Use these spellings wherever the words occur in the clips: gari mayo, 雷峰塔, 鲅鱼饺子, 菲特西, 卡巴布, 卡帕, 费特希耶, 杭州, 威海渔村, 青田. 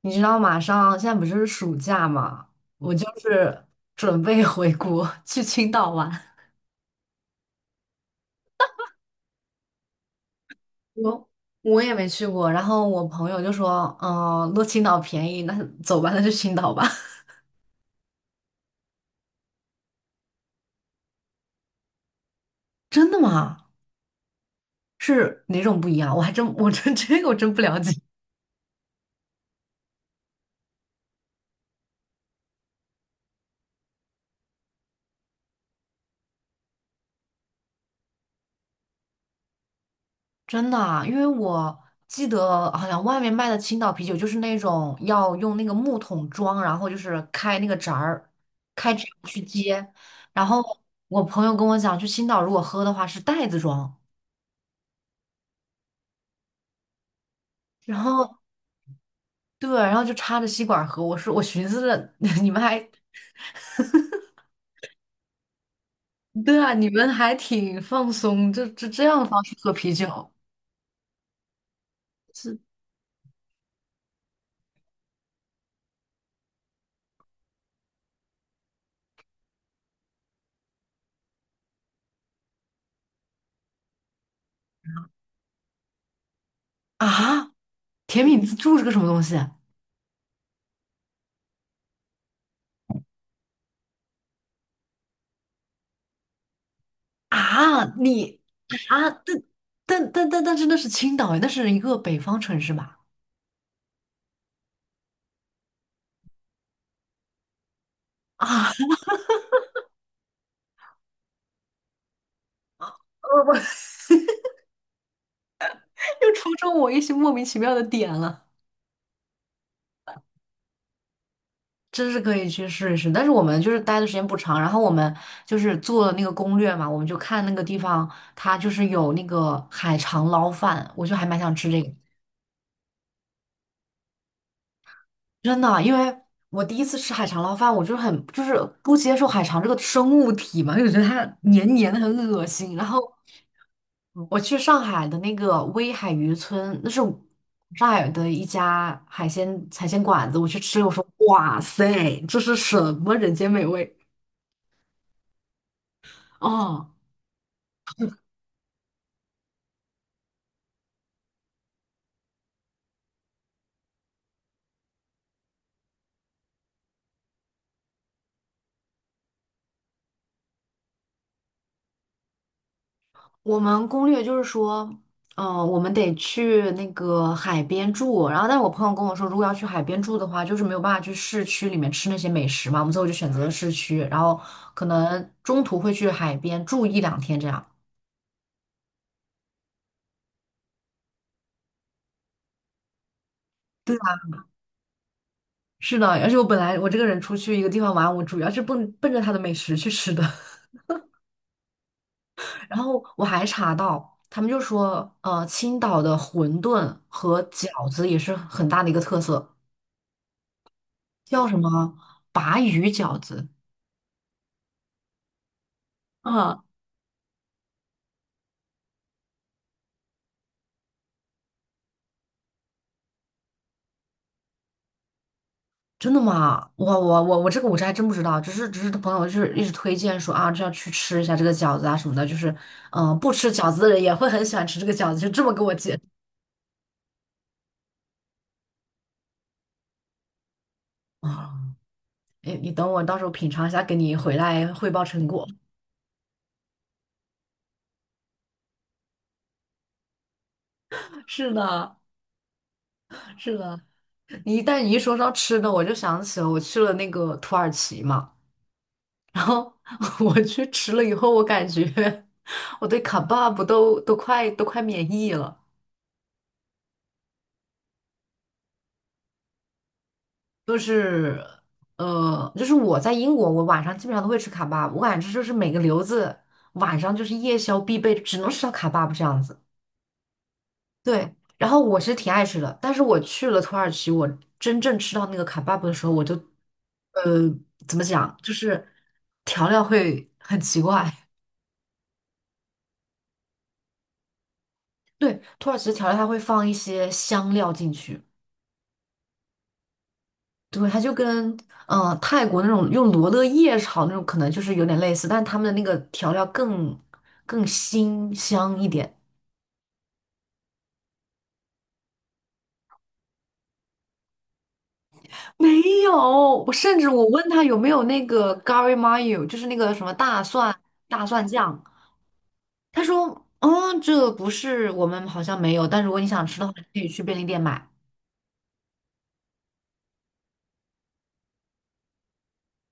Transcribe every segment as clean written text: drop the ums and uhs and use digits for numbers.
你知道马上现在不是暑假嘛，我就是准备 回国去青岛玩。我我也没去过。然后我朋友就说，嗯，落青岛便宜，那走吧，那就青岛吧。真的吗？是哪种不一样？我还真我真 这个我真不了解。真的啊，因为我记得好像外面卖的青岛啤酒就是那种要用那个木桶装，然后就是开那个闸儿，开闸去接。然后我朋友跟我讲，去青岛如果喝的话是袋子装，然后对，然后就插着吸管喝。我说我寻思着 你们还对啊，你们还挺放松，就这样的方式喝啤酒啊？甜品自助是个什么东西？啊，你啊，但但但但但是那是青岛诶，那是一个北方城市吧？啊，我 又戳中我一些莫名其妙的点了。真是可以去试一试。但是我们就是待的时间不长，然后我们就是做了那个攻略嘛，我们就看那个地方，它就是有那个海肠捞饭，我就还蛮想吃这个。真的，因为我第一次吃海肠捞饭，我就是很就是不接受海肠这个生物体嘛，因为我觉得它黏黏的很恶心。然后我去上海的那个威海渔村，那是上海的一家海鲜馆子，我去吃，我说哇塞，这是什么人间美味哦！我们攻略就是说，我们得去那个海边住。然后，但是我朋友跟我说，如果要去海边住的话，就是没有办法去市区里面吃那些美食嘛。我们最后就选择了市区，然后可能中途会去海边住一两天这样。对啊，是的，而且我本来我这个人出去一个地方玩，我主要是奔着它的美食去吃的。然后我还查到，他们就说，青岛的馄饨和饺子也是很大的一个特色，叫什么鲅鱼饺子。嗯。真的吗？我这还真不知道，只是朋友就是一直推荐说啊，这要去吃一下这个饺子啊什么的，就是不吃饺子的人也会很喜欢吃这个饺子，就这么跟我讲啊。哎，你等我到时候品尝一下，给你回来汇报成果。是的，是的，你一旦你一说到吃的，我就想起了我去了那个土耳其嘛，然后 我去吃了以后，我感觉 我对卡巴布都快免疫了。就是就是我在英国，我晚上基本上都会吃卡巴，我感觉就是每个留子晚上就是夜宵必备，只能吃到卡巴这样子。对，然后我其实挺爱吃的，但是我去了土耳其，我真正吃到那个卡巴布的时候，我就呃怎么讲，就是调料会很奇怪。对，土耳其的调料它会放一些香料进去，对，它就跟泰国那种用罗勒叶炒那种可能就是有点类似，但是他们的那个调料更辛香一点。没有，我甚至问他有没有那个 gari mayo，就是那个什么大蒜酱，他说，嗯，这不是我们好像没有，但如果你想吃的话，可以去便利店买。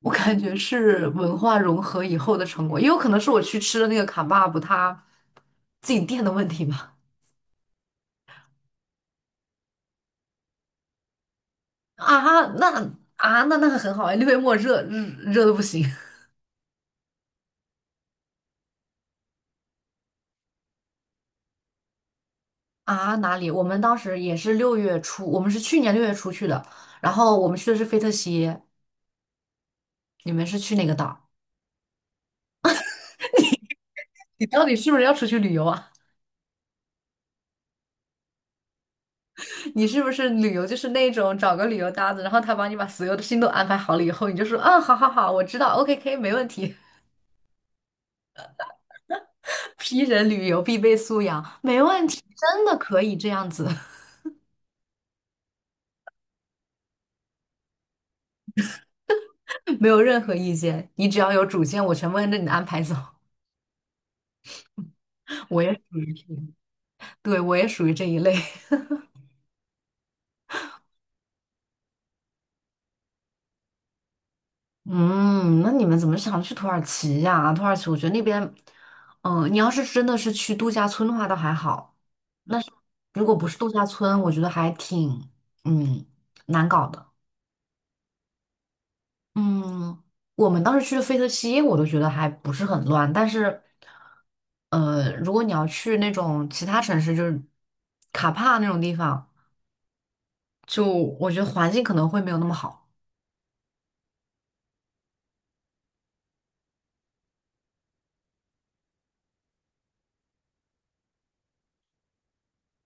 我感觉是文化融合以后的成果，也有可能是我去吃的那个卡巴布他自己店的问题吧。啊，那啊，那那个很好哎，六月末热的不行 啊！哪里？我们当时也是六月初，我们是去年六月初去的，然后我们去的是菲特西，你们是去哪个岛？你到底是不是要出去旅游啊？你是不是旅游就是那种找个旅游搭子，然后他帮你把所有的心都安排好了以后，你就说嗯，好好好，我知道，OK 没问题 ，P 人旅游必备素养，没问题，真的可以这样子，没有任何意见，你只要有主见，我全部按着你的安排走，我也属于。对，我也属于这一类。嗯，那你们怎么想去土耳其呀？土耳其，我觉得那边，你要是真的是去度假村的话，倒还好。但是如果不是度假村，我觉得还挺，嗯，难搞的。嗯，我们当时去的费特希耶我都觉得还不是很乱。但是，如果你要去那种其他城市，就是卡帕那种地方，就我觉得环境可能会没有那么好。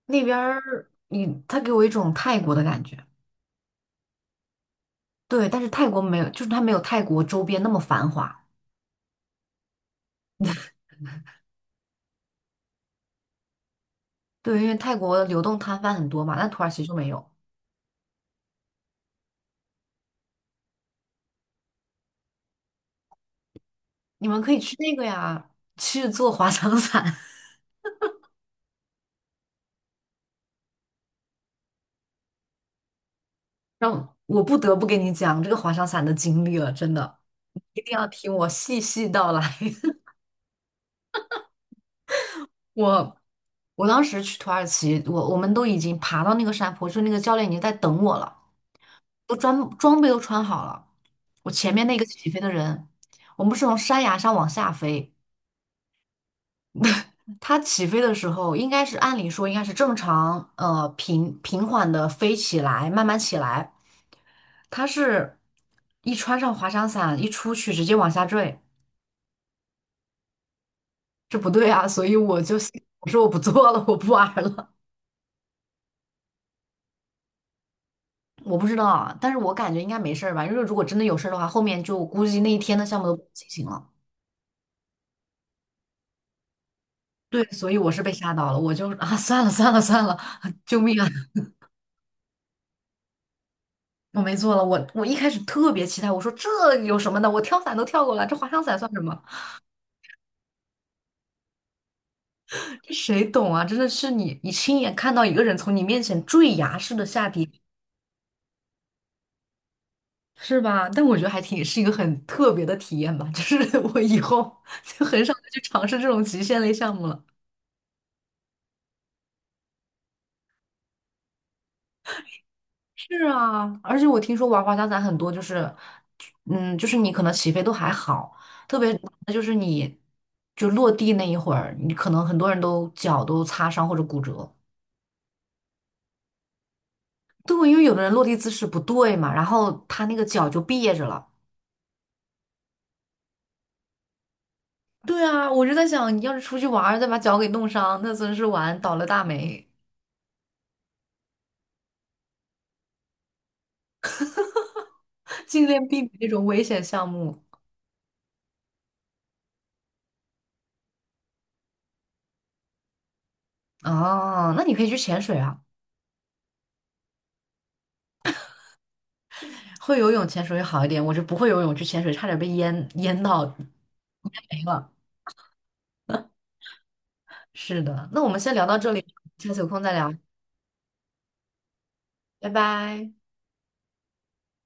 那边儿，它给我一种泰国的感觉。对，但是泰国没有，就是它没有泰国周边那么繁华。对，因为泰国流动摊贩很多嘛，那土耳其就没有。你们可以去那个呀，去做滑翔伞。让我不得不跟你讲这个滑翔伞的经历了，真的，一定要听我细细道来。我我当时去土耳其，我我们都已经爬到那个山坡，就那个教练已经在等我了，都装装备都穿好了。我前面那个起飞的人，我们不是从山崖上往下飞。它起飞的时候，应该是按理说应该是正常，平缓的飞起来，慢慢起来。它是一穿上滑翔伞，一出去直接往下坠，这不对啊！所以我就心我说我不做了，我不玩儿了。我不知道啊，但是我感觉应该没事儿吧，因为如果真的有事儿的话，后面就估计那一天的项目都不能进行了。对，所以我是被吓到了，我就啊，算了算了算了，救命啊！我没做了，我一开始特别期待，我说这有什么的，我跳伞都跳过了，这滑翔伞算什么？这谁懂啊？真的是你亲眼看到一个人从你面前坠崖式的下跌，是吧？但我觉得还挺是一个很特别的体验吧，就是 我以后就很少再去尝试这种极限类项目了。是啊，而且我听说玩滑翔伞很多就是，就是你可能起飞都还好，特别就是你就落地那一会儿，你可能很多人都脚都擦伤或者骨折。对，因为有的人落地姿势不对嘛，然后他那个脚就别着了。对啊，我就在想，你要是出去玩儿再把脚给弄伤，那真是玩倒了大霉。尽量避免这种危险项目。啊，那你可以去潜水啊，会游泳潜水会好一点。我是不会游泳，去潜水差点被淹到 没了。是的，那我们先聊到这里，下次有空再聊，拜拜。